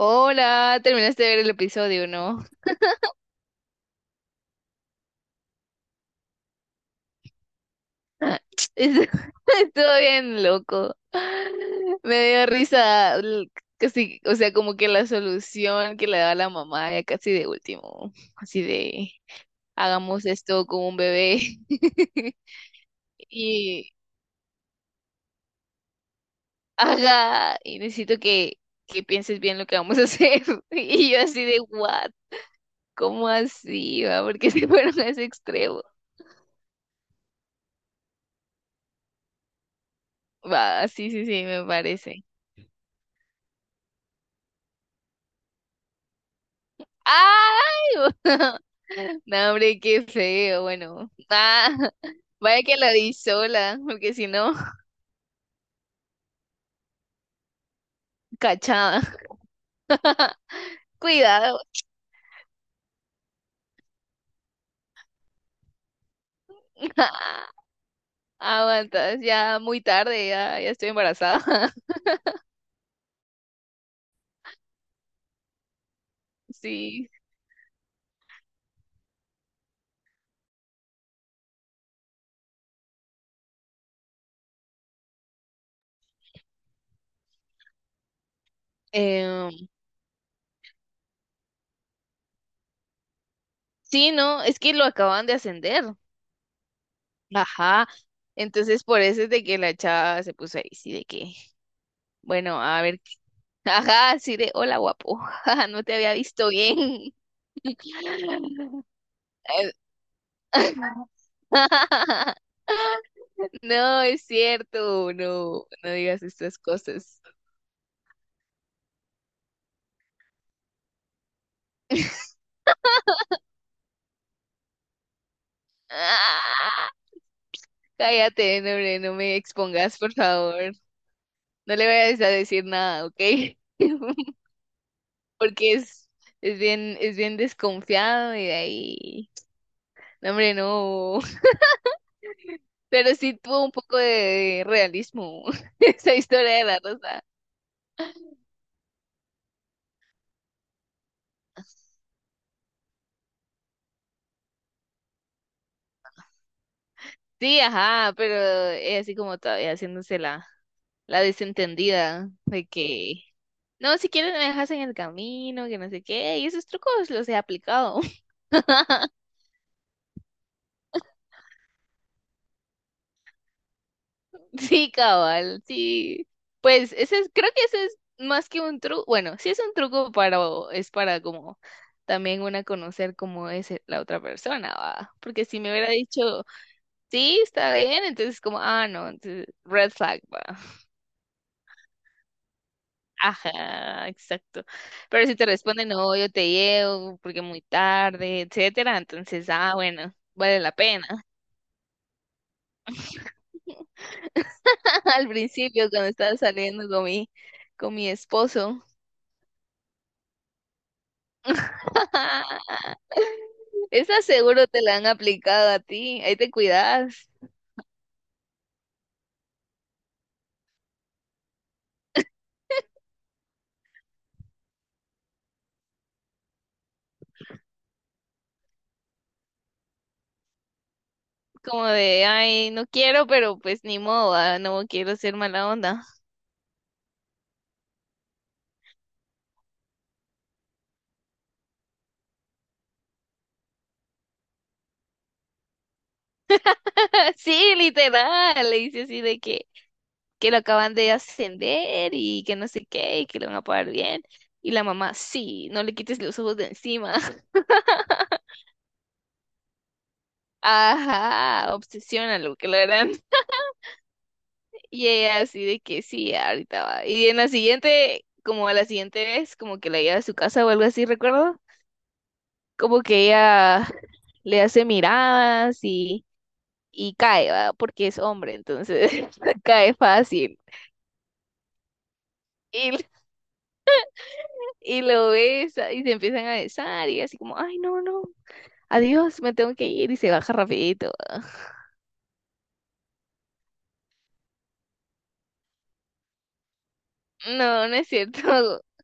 Hola, terminaste de ver el episodio, ¿no? Estuvo estuvo bien loco. Me dio risa, casi, o sea, como que la solución que le da la mamá ya casi de último, así de hagamos esto con un bebé. y y necesito que pienses bien lo que vamos a hacer. Y yo así de what, ¿cómo así, va? Porque se fueron a ese extremo. Va, sí, sí, sí, me parece. ¡Ay! No, hombre, qué feo. Bueno, ah, vaya que la di sola, porque si no, cachada. Cuidado. Aguantas, ya muy tarde, ya estoy embarazada. Sí. Em, sí, no, es que lo acaban de ascender. Ajá, entonces por eso es de que la chava se puso ahí, sí, de que, bueno, a ver, ajá, así de, hola guapo, no te había visto bien. Eh, No, es cierto, no, no digas estas cosas. ¡Ah! Cállate, no, hombre, no me expongas, por favor. No le vayas a decir nada, ¿ok? Porque es bien desconfiado y de ahí. No, hombre, no. Pero sí tuvo un poco de realismo esa historia de la rosa. Sí, ajá, pero es así como todavía haciéndose la desentendida de que no, si quieres me dejas en el camino, que no sé qué, y esos trucos los he aplicado. Sí, cabal, sí. Pues ese es, creo que ese es más que un truco, bueno, sí es un truco para, es para como también una conocer cómo es la otra persona, va. Porque si me hubiera dicho, sí, está bien, entonces como, ah, no, entonces red flag, va. Ajá, exacto. Pero si te responde, no, yo te llevo porque muy tarde, etcétera, entonces, ah, bueno, vale la pena. Al principio, cuando estaba saliendo con mi esposo. Esa seguro te la han aplicado a ti. Ahí te cuidas. Como de, ay, no quiero, pero pues ni modo, ah, no quiero ser mala onda. Sí, literal. Le dice así de que lo acaban de ascender y que no sé qué, y que le van a pagar bien. Y la mamá, sí, no le quites los ojos de encima. Ajá, obsesiónalo, que lo harán. Y ella así de que sí, ahorita va. Y en la siguiente, como a la siguiente vez, como que la lleva a su casa o algo así, recuerdo, como que ella le hace miradas y cae, ¿va? Porque es hombre, entonces cae fácil. Y, y lo besa y se empiezan a besar y así como, ay, no, no, adiós, me tengo que ir y se baja rapidito, ¿va? No, no es cierto.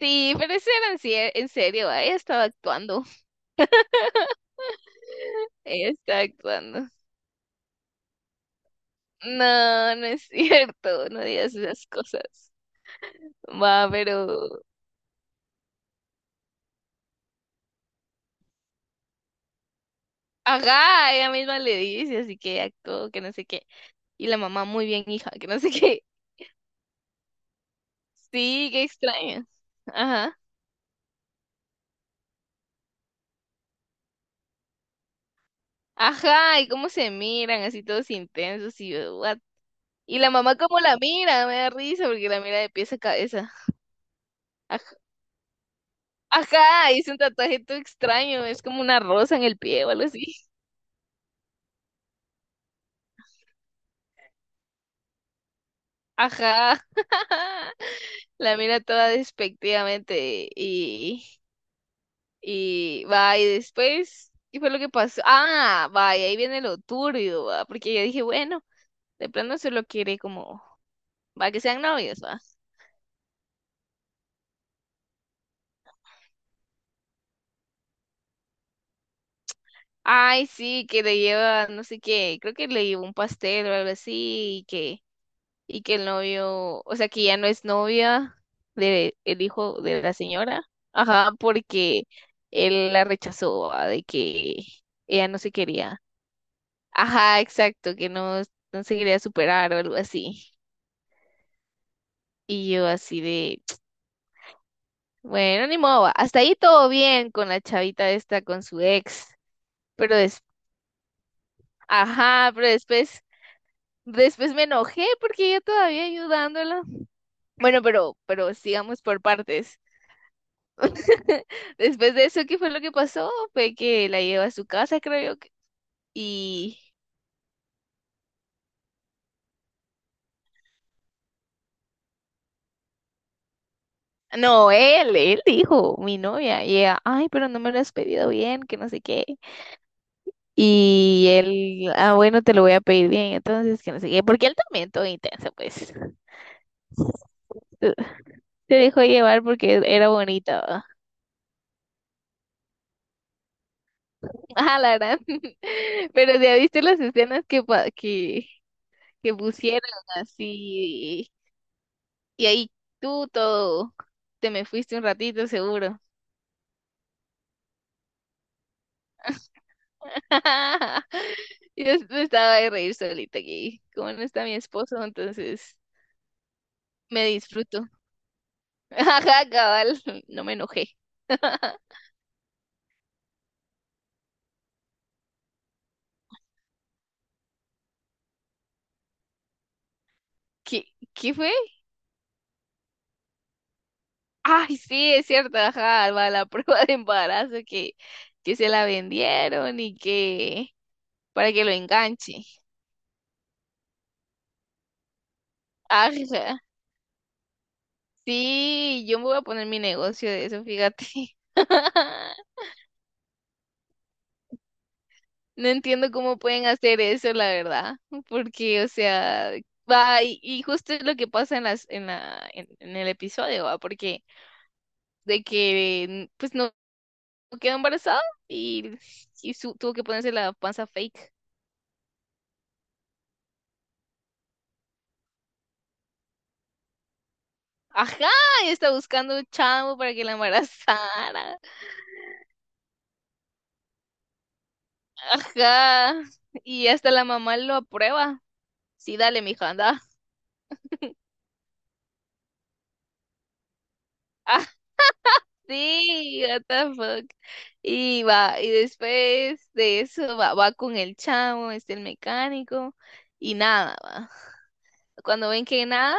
Sí, pero eso era en serio, ¿va? Ella estaba actuando, ella estaba actuando. No, no es cierto, no digas esas cosas. Va, pero. Ajá, ella misma le dice, así que actuó, que no sé qué. Y la mamá, muy bien, hija, que no sé qué. Sí, qué extraño. Ajá. Ajá, y cómo se miran, así todos intensos y yo, what. Y la mamá cómo la mira, me da risa porque la mira de pies a cabeza. Aj- Ajá, hizo un tatuaje todo extraño, es como una rosa en el pie o algo así. Ajá. La mira toda despectivamente y va, y después, ¿qué fue lo que pasó? Ah, va, y ahí viene lo turbio, va, porque yo dije, bueno, de plano solo quiere como, va, que sean novios, va. Ay, sí, que le lleva, no sé qué, creo que le llevó un pastel o algo así, y que, el novio, o sea, que ya no es novia de el hijo de la señora, ajá, porque él la rechazó, va, de que ella no se quería, ajá, exacto, que no, no se quería superar o algo así. Y yo así de, bueno, ni modo, va. Hasta ahí todo bien con la chavita esta, con su ex, pero des, ajá, pero después me enojé porque yo todavía ayudándola. Bueno, pero sigamos por partes. Después de eso, ¿qué fue lo que pasó? Fue que la llevó a su casa, creo yo, y no, él dijo, mi novia, y ella, ay, pero no me lo has pedido bien, que no sé qué. Y él, ah, bueno, te lo voy a pedir bien, entonces, que no sé qué, porque él también todo intenso, pues, se dejó llevar porque era bonito, ¿no? ah, la verdad, pero ya viste las escenas que pusieron así, y ahí tú todo, te me fuiste un ratito seguro, yo estaba de reír solita aquí, como no está mi esposo, entonces, me disfruto, ajá, cabal, no me enojé. ¿qué, qué fue? Ay, sí, es cierto, ajá, va la prueba de embarazo que, se la vendieron y que para que lo enganche. Ajá. Sí, yo me voy a poner mi negocio de eso, fíjate. No entiendo cómo pueden hacer eso, la verdad, porque, o sea, va, y justo es lo que pasa en las, en la, en el episodio, va, porque de que, pues, no quedó embarazada y, y tuvo que ponerse la panza fake. Ajá, y está buscando un chavo para que la embarazara. Ajá. Y hasta la mamá lo aprueba. Sí, dale, mija, anda. Ah, sí, what the fuck. Y va, y después de eso va, con el chavo, este el mecánico, y nada, va. Cuando ven que nada,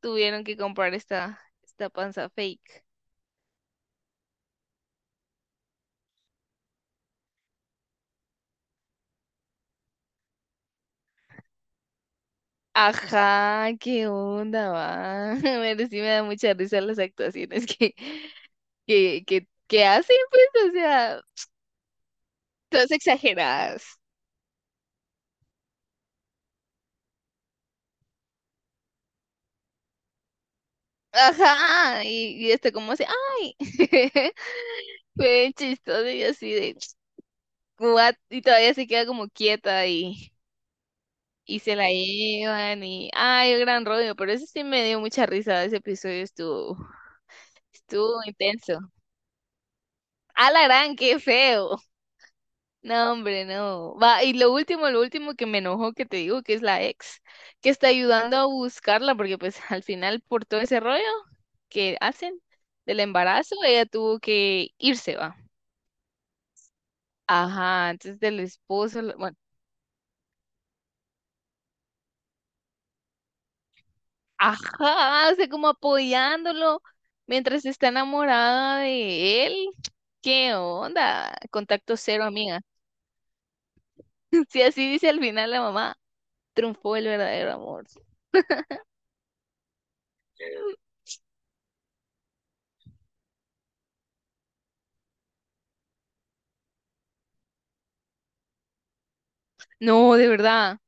tuvieron que comprar esta panza fake. Ajá, qué onda, va. Pero sí me da mucha risa las actuaciones que hacen, pues, o sea, todas exageradas. Ajá, y esto como así, ay, fue chistoso y así de, what, y todavía se queda como quieta y se la llevan y, ay, gran rollo, pero eso sí me dio mucha risa, ese episodio estuvo, intenso. A la gran, qué feo. No, hombre, no. Va, y lo último que me enojó que te digo que es la ex, que está ayudando a buscarla, porque pues al final por todo ese rollo que hacen del embarazo, ella tuvo que irse, va. Ajá, entonces del esposo, bueno, ajá, o sea, como apoyándolo mientras está enamorada de él. ¿Qué onda? Contacto cero, amiga. Si así dice al final la mamá, triunfó el verdadero amor. No, de verdad.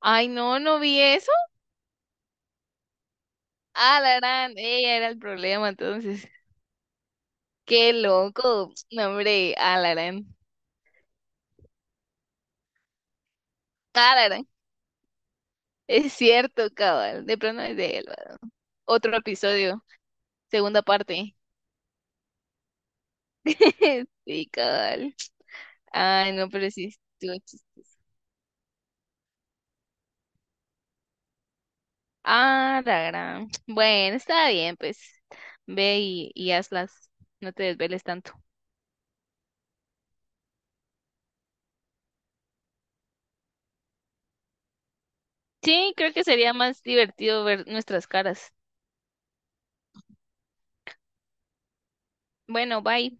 Ay, no, no vi eso. Alarán, ella era el problema, entonces. Qué loco. No, hombre, Alarán. Alarán. Es cierto, cabal. De pronto es de él, ¿verdad? Otro episodio, segunda parte. Sí, cabal. Ay, no, pero sí estuvo. Ah, la gran. Bueno, está bien, pues. Ve y hazlas. No te desveles tanto. Sí, creo que sería más divertido ver nuestras caras. Bueno, bye.